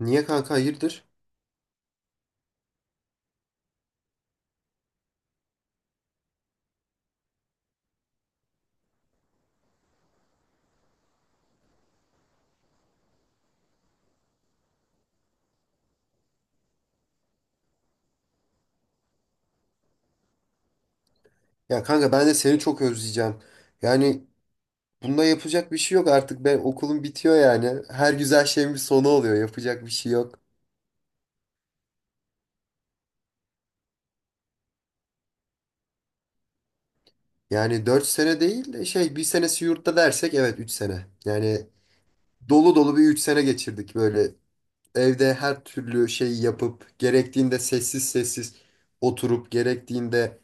Niye kanka hayırdır? Ya kanka ben de seni çok özleyeceğim. Yani bunda yapacak bir şey yok artık. Ben okulum bitiyor yani. Her güzel şeyin bir sonu oluyor. Yapacak bir şey yok. Yani 4 sene değil de bir senesi yurtta dersek evet 3 sene. Yani dolu dolu bir 3 sene geçirdik böyle. Evde her türlü şey yapıp gerektiğinde sessiz sessiz oturup gerektiğinde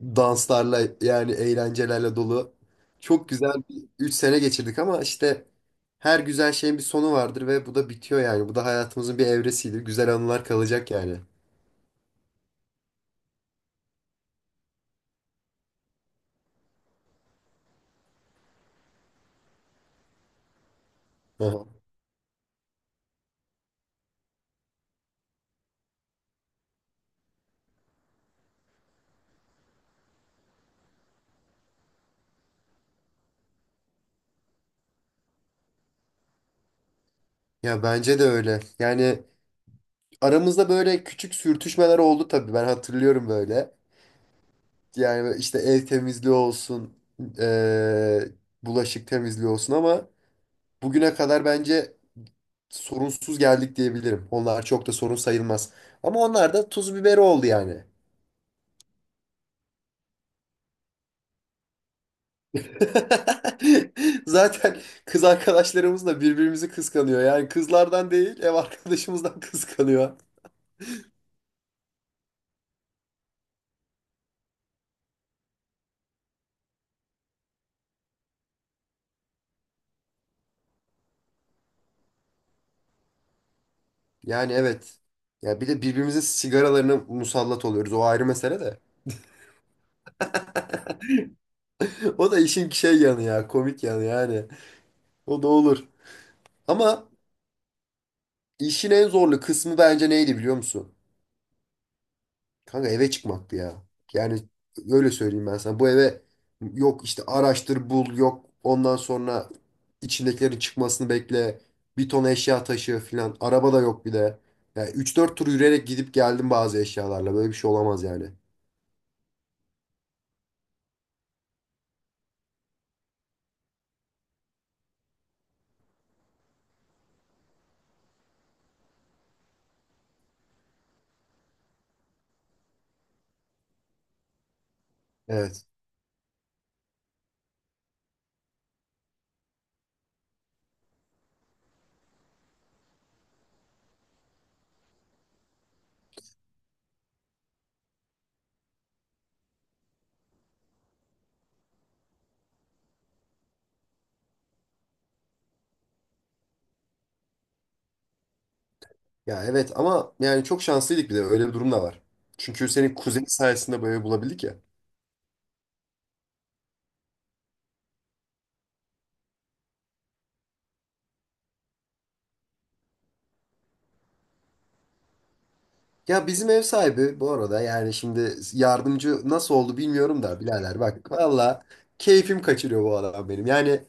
danslarla yani eğlencelerle dolu çok güzel bir 3 sene geçirdik ama işte her güzel şeyin bir sonu vardır ve bu da bitiyor yani. Bu da hayatımızın bir evresiydi. Güzel anılar kalacak yani. Aha. Ya bence de öyle. Yani aramızda böyle küçük sürtüşmeler oldu tabii. Ben hatırlıyorum böyle. Yani işte ev temizliği olsun, eee, bulaşık temizliği olsun ama bugüne kadar bence sorunsuz geldik diyebilirim. Onlar çok da sorun sayılmaz. Ama onlar da tuz biberi oldu yani. Zaten kız arkadaşlarımız da birbirimizi kıskanıyor. Yani kızlardan değil, ev arkadaşımızdan kıskanıyor. Yani evet. Ya bir de birbirimizin sigaralarına musallat oluyoruz. O ayrı mesele de. O da işin şey yanı ya, komik yanı yani. O da olur. Ama işin en zorlu kısmı bence neydi biliyor musun? Kanka eve çıkmaktı ya. Yani öyle söyleyeyim ben sana. Bu eve yok işte araştır bul yok ondan sonra içindekilerin çıkmasını bekle. Bir ton eşya taşı filan. Araba da yok bir de. Yani üç dört tur yürüyerek gidip geldim bazı eşyalarla. Böyle bir şey olamaz yani. Evet. Ya evet ama yani çok şanslıydık bir de öyle bir durum da var. Çünkü senin kuzenin sayesinde böyle bulabildik ya. Ya bizim ev sahibi bu arada yani şimdi yardımcı nasıl oldu bilmiyorum da birader bak valla keyfim kaçırıyor bu adam benim. Yani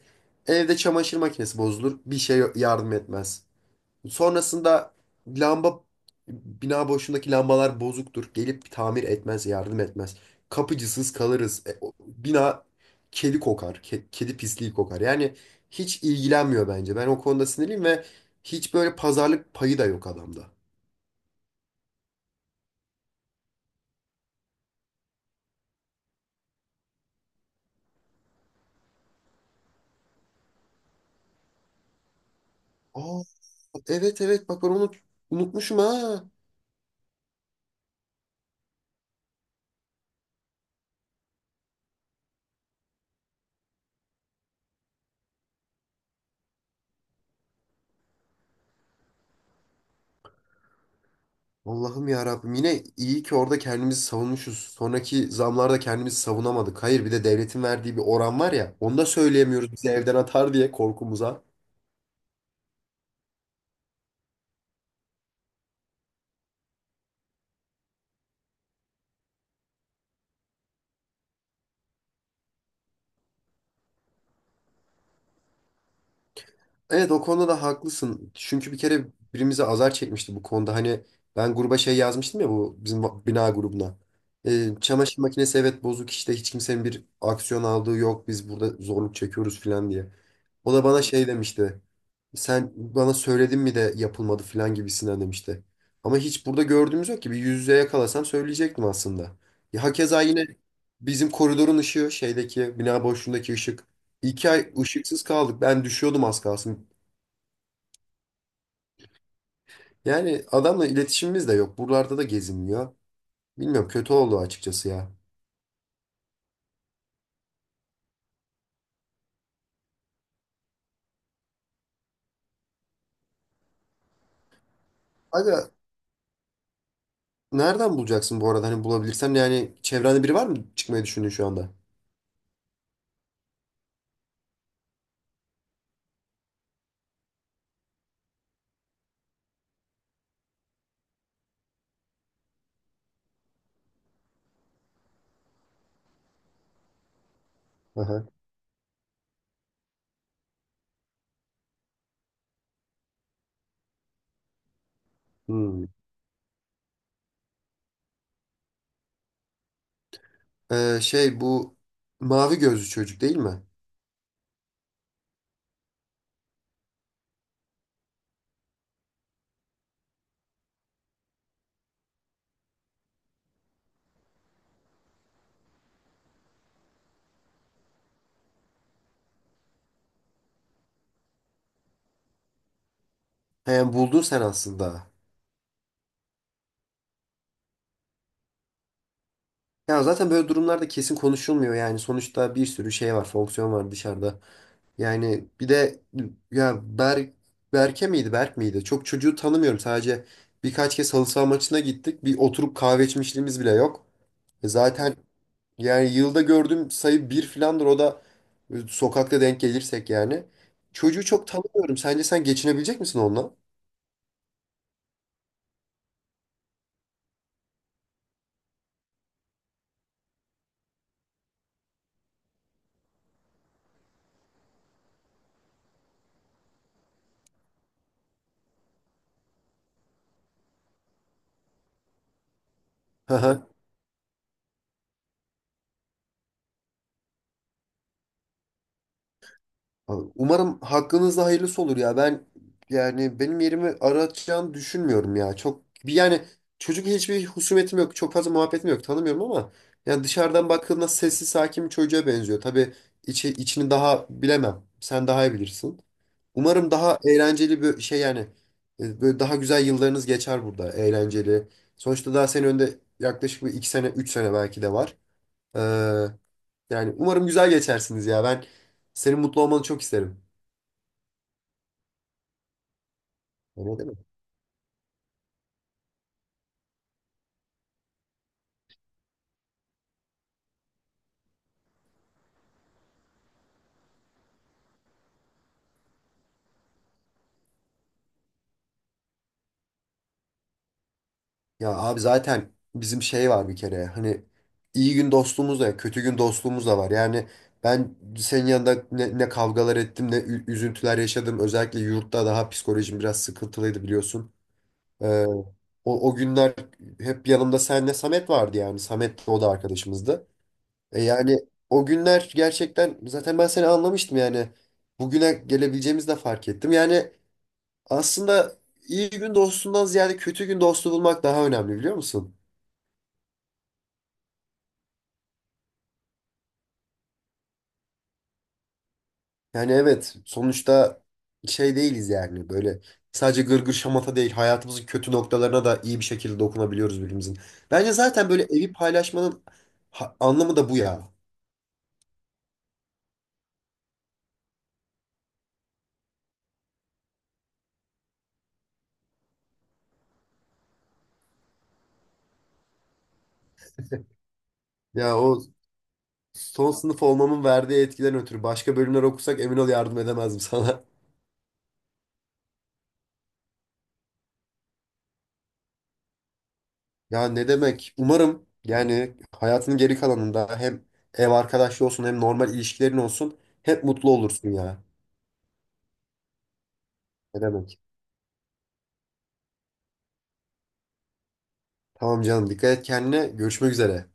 evde çamaşır makinesi bozulur bir şey yardım etmez. Sonrasında lamba bina boşundaki lambalar bozuktur gelip tamir etmez yardım etmez. Kapıcısız kalırız. Bina kedi kokar, kedi pisliği kokar yani hiç ilgilenmiyor. Bence ben o konuda sinirliyim ve hiç böyle pazarlık payı da yok adamda. Aa, evet evet bak ben onu unutmuşum ha. Allah'ım ya Rabbim, yine iyi ki orada kendimizi savunmuşuz. Sonraki zamlarda kendimizi savunamadık. Hayır, bir de devletin verdiği bir oran var ya. Onu da söyleyemiyoruz, bizi evden atar diye korkumuza. Evet, o konuda da haklısın. Çünkü bir kere birimize azar çekmişti bu konuda. Hani ben gruba şey yazmıştım ya, bu bizim bina grubuna. Çamaşır makinesi evet bozuk işte, hiç kimsenin bir aksiyon aldığı yok. Biz burada zorluk çekiyoruz falan diye. O da bana şey demişti. Sen bana söyledin mi de yapılmadı falan gibisinden demişti. Ama hiç burada gördüğümüz yok ki. Bir yüz yüze yakalasam söyleyecektim aslında. Ya hakeza yine bizim koridorun ışığı, şeydeki bina boşluğundaki ışık. 2 ay ışıksız kaldık. Ben düşüyordum az kalsın. Yani adamla iletişimimiz de yok. Buralarda da gezinmiyor. Bilmiyorum, kötü oldu açıkçası ya. Aga, nereden bulacaksın bu arada? Hani bulabilirsen yani çevrende biri var mı çıkmayı düşündüğün şu anda? Aha. Hmm. Şey, bu mavi gözlü çocuk değil mi? He, yani buldun sen aslında. Ya zaten böyle durumlarda kesin konuşulmuyor yani. Sonuçta bir sürü şey var, fonksiyon var dışarıda. Yani bir de ya Berk, Berke miydi Berk miydi? Çok çocuğu tanımıyorum. Sadece birkaç kez halı saha maçına gittik. Bir oturup kahve içmişliğimiz bile yok. E zaten yani yılda gördüğüm sayı bir filandır. O da sokakta denk gelirsek yani. Çocuğu çok tanımıyorum. Sence sen geçinebilecek misin onunla? Abi, umarım hakkınızda hayırlısı olur ya. Ben yani benim yerimi aratacağını düşünmüyorum ya. Çok bir yani, çocuk, hiçbir husumetim yok. Çok fazla muhabbetim yok. Tanımıyorum ama yani dışarıdan baktığında sessiz sakin bir çocuğa benziyor. Tabii içini daha bilemem. Sen daha iyi bilirsin. Umarım daha eğlenceli bir şey yani, böyle daha güzel yıllarınız geçer burada, eğlenceli. Sonuçta daha senin önünde yaklaşık bir iki sene, üç sene belki de var. Ee, yani umarım güzel geçersiniz ya. Ben senin mutlu olmanı çok isterim. Öyle değil mi? Ya abi zaten bizim şey var bir kere, hani iyi gün dostluğumuz da kötü gün dostluğumuz da var. Yani ben senin yanında ne, ne kavgalar ettim, ne üzüntüler yaşadım. Özellikle yurtta daha psikolojim biraz sıkıntılıydı biliyorsun. Ee, o günler hep yanımda senle Samet vardı yani. Samet de, o da arkadaşımızdı. E yani o günler gerçekten zaten ben seni anlamıştım yani. Bugüne gelebileceğimizi de fark ettim. Yani aslında iyi gün dostundan ziyade kötü gün dostu bulmak daha önemli, biliyor musun? Yani evet, sonuçta şey değiliz yani, böyle sadece gırgır şamata değil, hayatımızın kötü noktalarına da iyi bir şekilde dokunabiliyoruz birbirimizin. Bence zaten böyle evi paylaşmanın anlamı da bu ya. Ya o, son sınıf olmamın verdiği etkiden ötürü başka bölümler okusak emin ol yardım edemezdim sana. Ya ne demek? Umarım yani hayatının geri kalanında hem ev arkadaşlığı olsun hem normal ilişkilerin olsun hep mutlu olursun ya. Ne demek? Tamam canım. Dikkat et kendine. Görüşmek üzere.